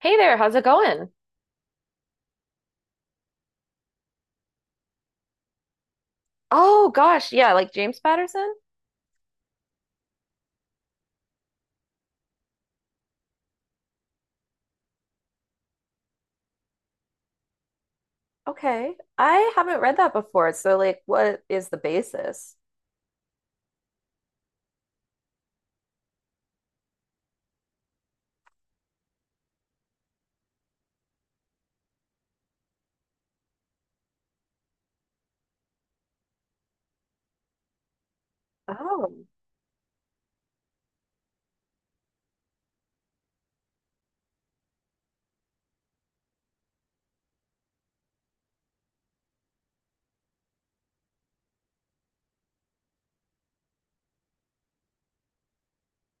Hey there, how's it going? Oh gosh, yeah, like James Patterson? Okay. I haven't read that before. So like what is the basis? Oh.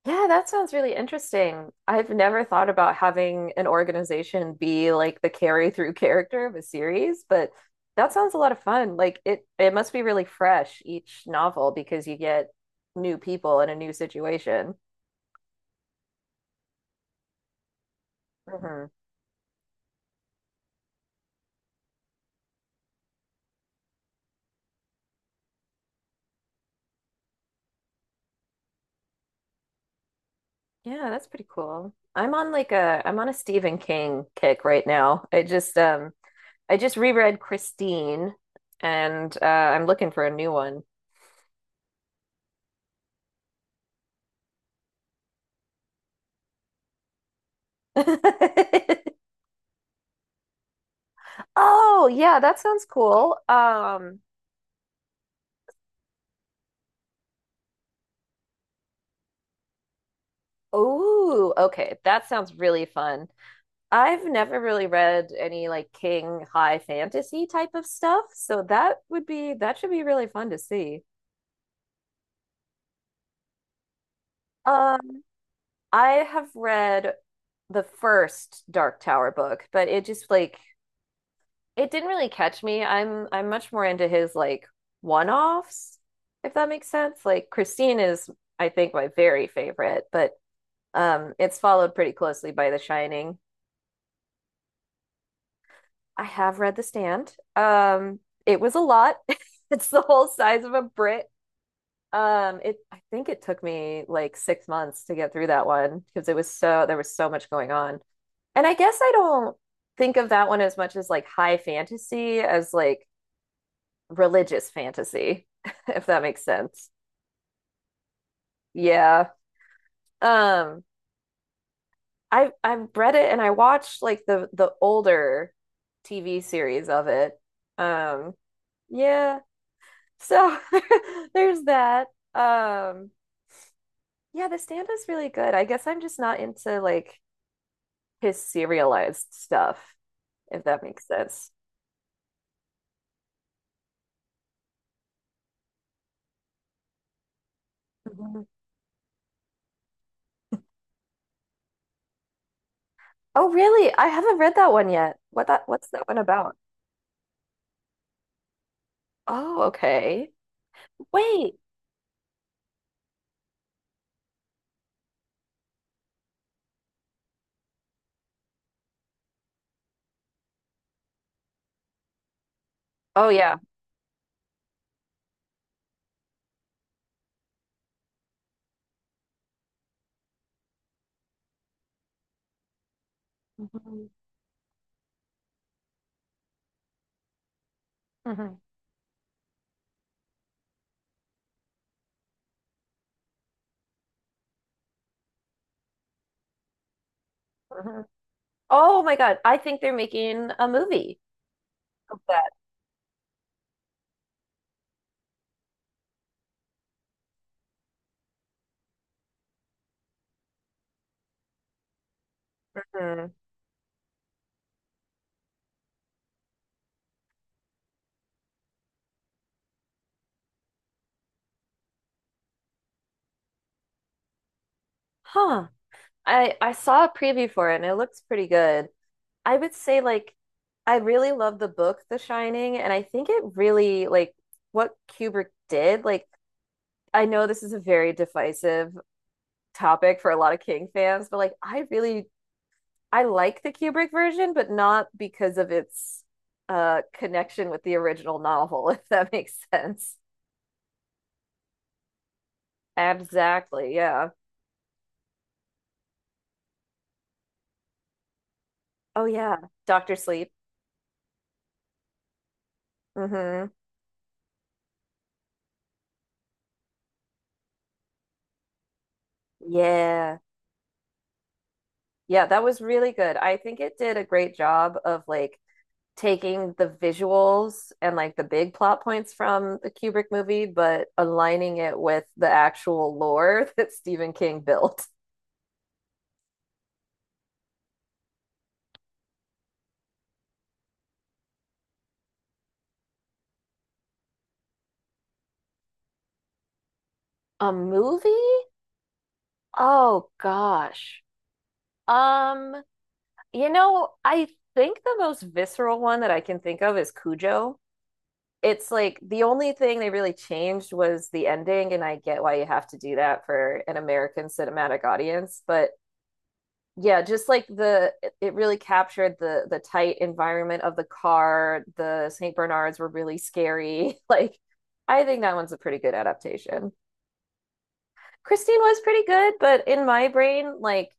Yeah, that sounds really interesting. I've never thought about having an organization be like the carry through character of a series, but that sounds a lot of fun. Like it must be really fresh each novel because you get new people in a new situation. Hmm. Yeah, that's pretty cool. I'm on a Stephen King kick right now. I just reread Christine and I'm looking for a new one. Oh, yeah, that sounds cool. Oh, okay. That sounds really fun. I've never really read any like King high fantasy type of stuff, so that should be really fun to see. Um, I have read the first Dark Tower book, but it just like it didn't really catch me. I'm much more into his like one-offs, if that makes sense. Like Christine is, I think, my very favorite, but it's followed pretty closely by The Shining. I have read The Stand. It was a lot. It's the whole size of a Brit. It I think it took me like 6 months to get through that one because it was there was so much going on. And I guess I don't think of that one as much as like high fantasy as like religious fantasy, if that makes sense. Yeah. Um, I've read it and I watched like the older TV series of it. Um, yeah. So there's that. Um, yeah, The Stand is really good. I guess I'm just not into like his serialized stuff, if that makes sense. Mhm. Oh, really? I haven't read that one yet. What's that one about? Oh, okay. Wait. Oh yeah. Mhm. Mhm. Mhm. Oh my God. I think they're making a movie of that. Mhm. Huh. I saw a preview for it and it looks pretty good. I would say like I really love the book The Shining and I think it really like what Kubrick did. Like I know this is a very divisive topic for a lot of King fans, but like I like the Kubrick version, but not because of its connection with the original novel, if that makes sense. Exactly. Yeah. Oh yeah, Doctor Sleep. Hmm. Yeah. Yeah, that was really good. I think it did a great job of like taking the visuals and like the big plot points from the Kubrick movie, but aligning it with the actual lore that Stephen King built. A movie? Oh gosh. Um, you know, I think the most visceral one that I can think of is Cujo. It's like the only thing they really changed was the ending, and I get why you have to do that for an American cinematic audience, but yeah, just like really captured the tight environment of the car. The St. Bernards were really scary. Like I think that one's a pretty good adaptation. Christine was pretty good, but in my brain, like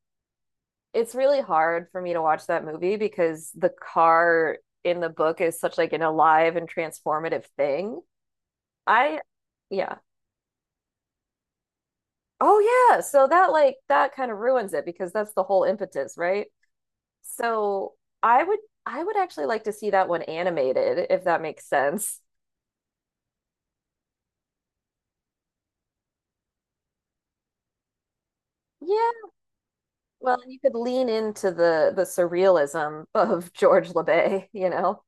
it's really hard for me to watch that movie because the car in the book is such like an alive and transformative thing. I yeah. Oh yeah, so that like that kind of ruins it because that's the whole impetus, right? So I would I would actually like to see that one animated if that makes sense. Yeah, well, and you could lean into the surrealism of George LeBay, you know.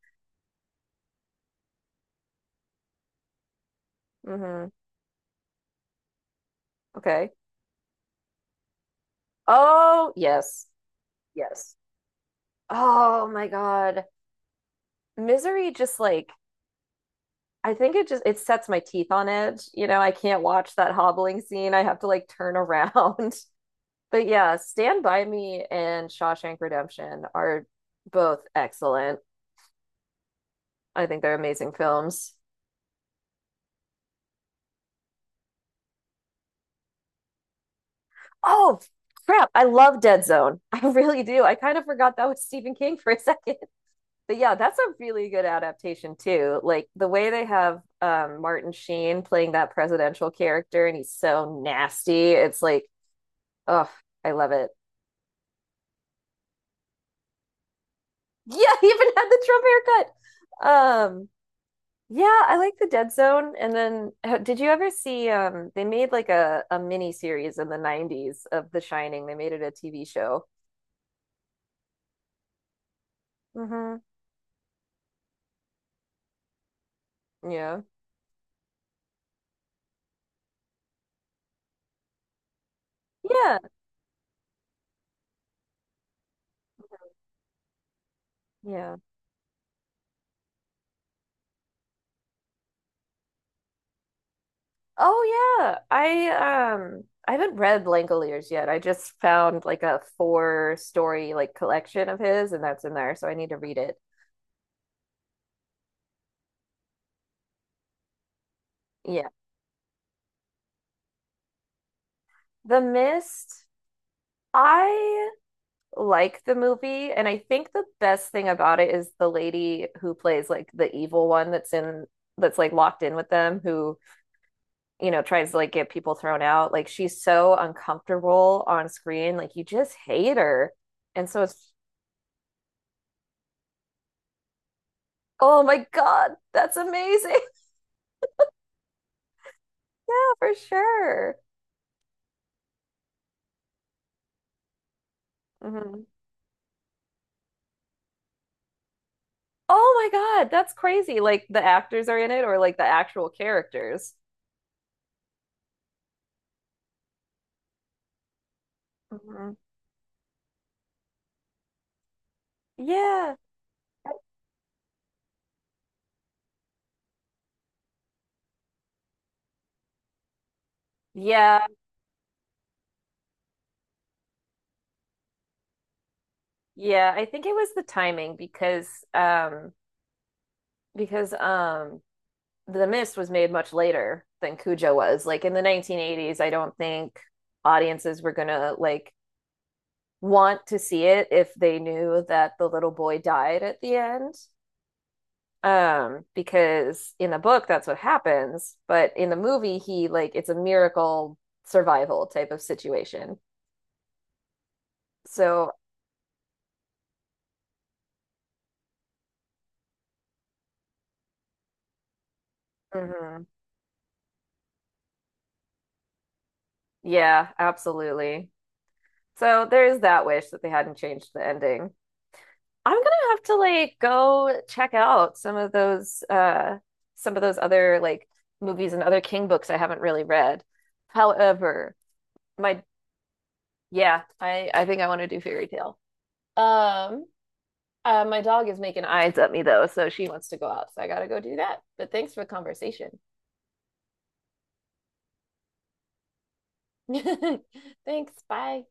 Hmm. Okay. Oh, yes. Yes. Oh my God. Misery just like I think it just it sets my teeth on edge. You know, I can't watch that hobbling scene. I have to like turn around. But yeah, Stand By Me and Shawshank Redemption are both excellent. I think they're amazing films. Oh, crap. I love Dead Zone. I really do. I kind of forgot that was Stephen King for a second. But yeah, that's a really good adaptation too. Like the way they have Martin Sheen playing that presidential character and he's so nasty. It's like, oh, I love it. Yeah, he even had the Trump haircut. Yeah, I like the Dead Zone. And then did you ever see they made like a mini series in the 90s of The Shining. They made it a TV show. Mm-hmm. Yeah. Yeah. Yeah. Oh yeah. I haven't read Langoliers yet. I just found like a four-story like collection of his and that's in there, so I need to read it. Yeah. The Mist. I like the movie, and I think the best thing about it is the lady who plays like the evil one that's like locked in with them who, you know, tries to like get people thrown out. Like she's so uncomfortable on screen, like you just hate her. And so it's oh my God, that's amazing. Yeah, for sure. Hmm. Oh my God, that's crazy. Like the actors are in it or like the actual characters. Hmm. Yeah. Yeah, yeah, I think it was the timing because because um The Mist was made much later than Cujo was. Like in the 1980s, I don't think audiences were gonna like want to see it if they knew that the little boy died at the end. Because in the book that's what happens, but in the movie he like it's a miracle survival type of situation. So, mhm. Yeah, absolutely. So there is that wish that they hadn't changed the ending. I'm gonna have to like go check out some of those other like movies and other King books I haven't really read. However, my yeah, I think I want to do Fairy Tale. Um, my dog is making eyes at me though, so she wants to go out, so I gotta go do that. But thanks for the conversation. Thanks, bye.